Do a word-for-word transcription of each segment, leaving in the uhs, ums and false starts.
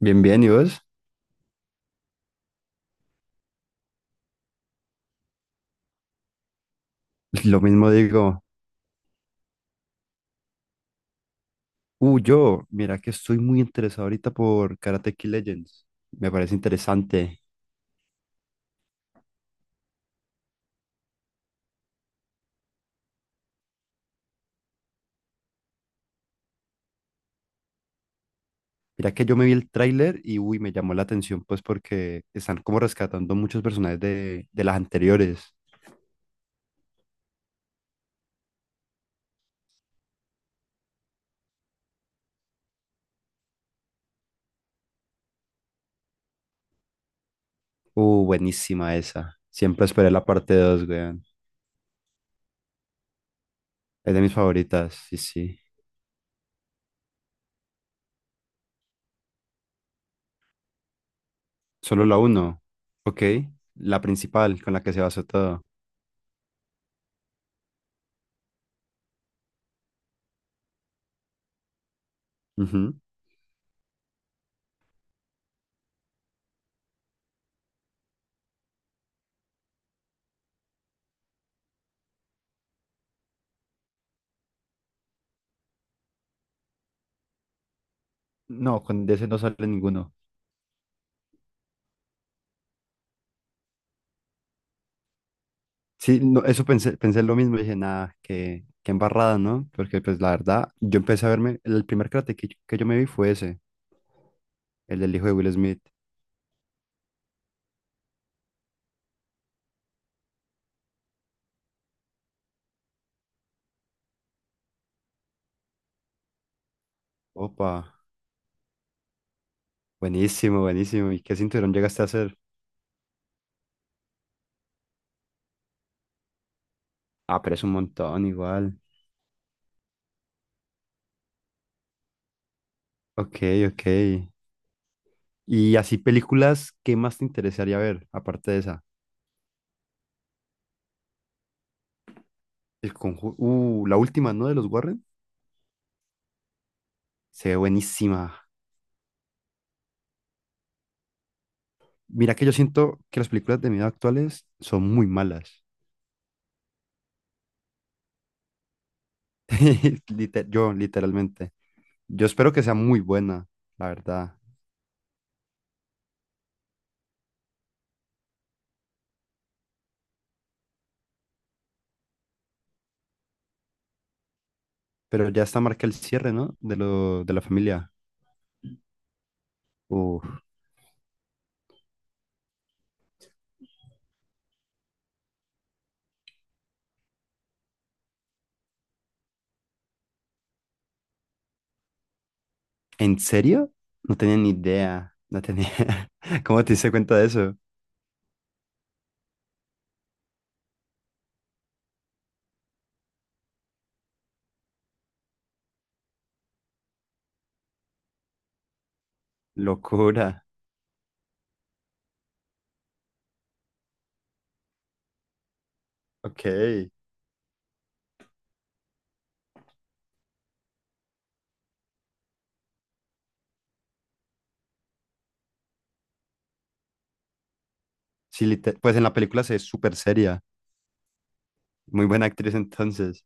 Bien, bien, ¿y vos? Lo mismo digo. Uh, yo, mira que estoy muy interesado ahorita por Karate Kid Legends. Me parece interesante. Mira que yo me vi el tráiler y uy, me llamó la atención pues porque están como rescatando muchos personajes de, de las anteriores. Uh, buenísima esa. Siempre esperé la parte dos, weón. Es de mis favoritas, sí, sí. Solo la uno. Ok, la principal con la que se basó todo. Ujú. No, con de ese no sale ninguno. Sí, no, eso pensé, pensé lo mismo, dije, nada, qué, qué embarrada, ¿no? Porque pues la verdad, yo empecé a verme, el primer Karate Kid que yo me vi fue ese, el del hijo de Will Smith. Opa, buenísimo, buenísimo. ¿Y qué cinturón llegaste a hacer? Ah, pero es un montón igual. Ok, ok. Y así películas, ¿qué más te interesaría ver aparte de esa? El conjuro, uh, la última, ¿no? De los Warren. Se ve buenísima. Mira que yo siento que las películas de miedo actuales son muy malas. Liter- yo, literalmente. Yo espero que sea muy buena, la verdad. Pero ya está marca el cierre, ¿no? De lo, de la familia. Uf. ¿En serio? No tenía ni idea. No tenía. ¿Cómo te diste cuenta de eso? Locura. Ok. Sí, lite- pues en la película se ve súper seria. Muy buena actriz entonces.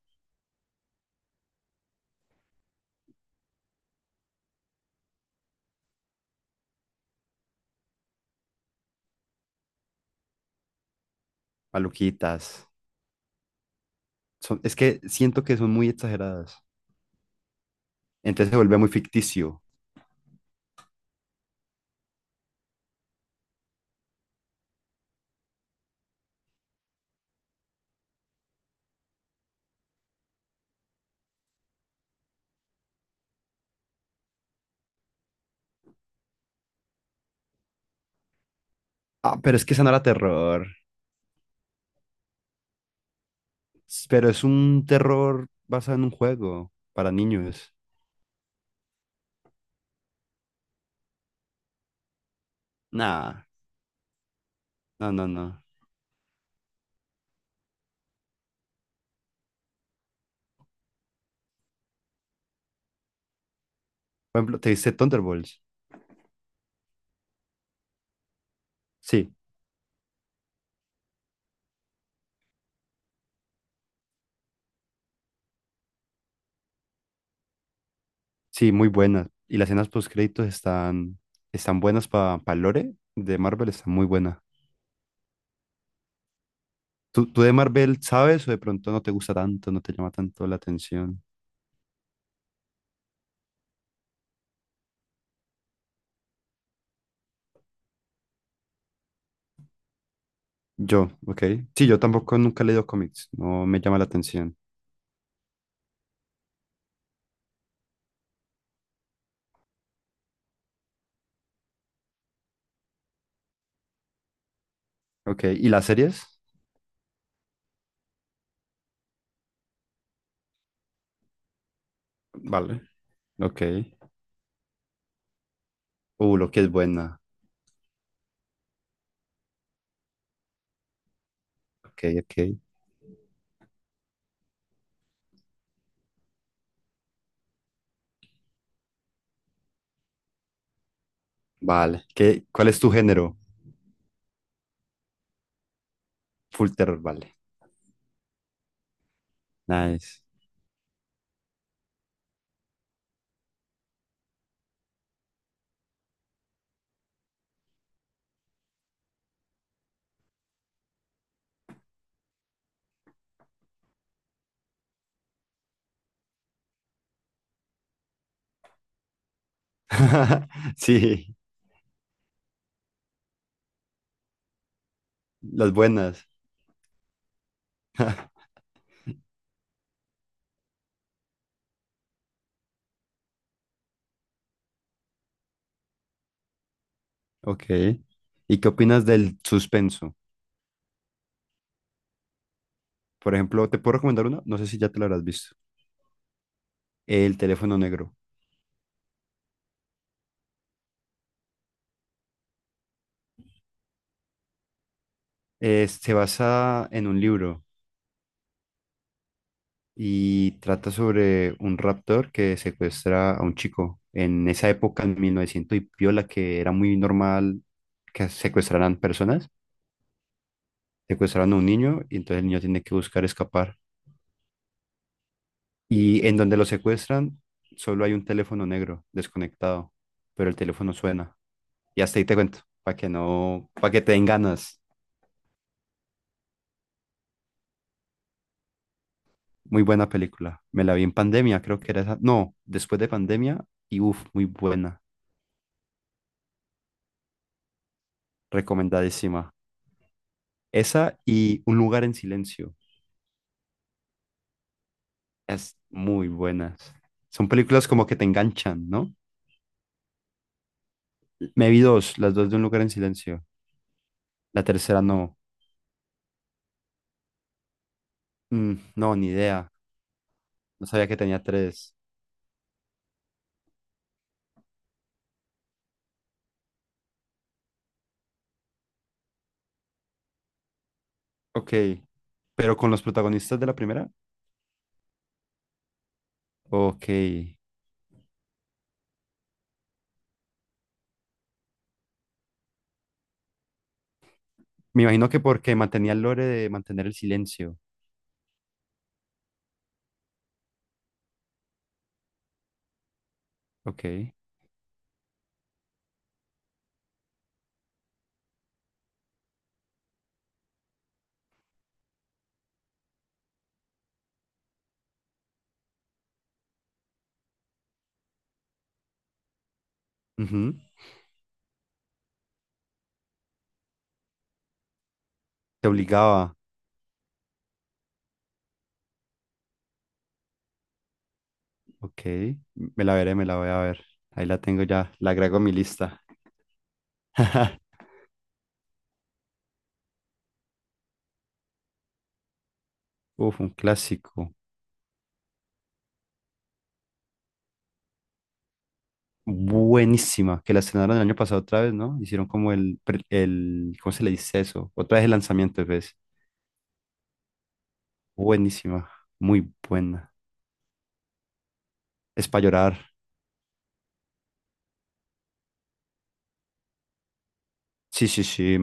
Maluquitas. Son... Es que siento que son muy exageradas. Entonces se vuelve muy ficticio. Ah, pero es que esa no era terror. S- Pero es un terror basado en un juego para niños. Nah, no, no, no. Por ejemplo, ¿te viste Thunderbolts? Sí, sí, muy buena. Y las escenas post créditos están, están buenas para Lore de Marvel, están muy buenas. ¿Tú, tú de Marvel sabes o de pronto no te gusta tanto, no te llama tanto la atención? Yo, ok. Sí, yo tampoco nunca he leído cómics, no me llama la atención. Ok, ¿y las series? Vale, ok. Uh, lo que es buena. Ok, ok. Vale. ¿Qué, cuál es tu género? Full terror, vale. Nice. Sí, las buenas. Ok. ¿Y qué opinas del suspenso? Por ejemplo, te puedo recomendar una, no sé si ya te la habrás visto. El teléfono negro. Es se basa en un libro y trata sobre un raptor que secuestra a un chico. En esa época, en mil novecientos y piola, que era muy normal que secuestraran personas, secuestraron a un niño y entonces el niño tiene que buscar escapar. Y en donde lo secuestran, solo hay un teléfono negro desconectado, pero el teléfono suena. Y hasta ahí te cuento, para que no, para que te den ganas. Muy buena película. Me la vi en pandemia, creo que era esa. No, después de pandemia y uff, muy buena. Recomendadísima. Esa y Un lugar en silencio. Es muy buenas. Son películas como que te enganchan, ¿no? Me vi dos, las dos de Un lugar en silencio. La tercera no. Mm, no, ni idea. No sabía que tenía tres. Ok. Pero con los protagonistas de la primera. Ok. Me imagino que porque mantenía el lore de mantener el silencio. Ok. Ujú. Te obligaba. Ok. Me la veré, me la voy a ver. Ahí la tengo ya. La agrego a mi lista. Uf, un clásico. Buenísima. Que la estrenaron el año pasado otra vez, ¿no? Hicieron como el, pre- el, ¿cómo se le dice eso? Otra vez el lanzamiento, ¿ves? Buenísima. Muy buena. Es para llorar. Sí, sí, sí.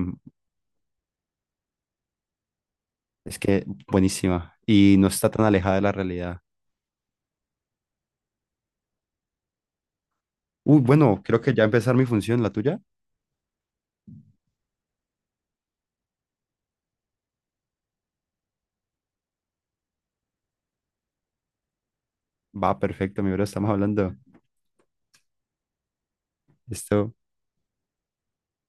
Es que buenísima. Y no está tan alejada de la realidad. Uy, bueno, creo que ya empezar mi función, la tuya. Va, perfecto, mi bro, estamos hablando. Esto.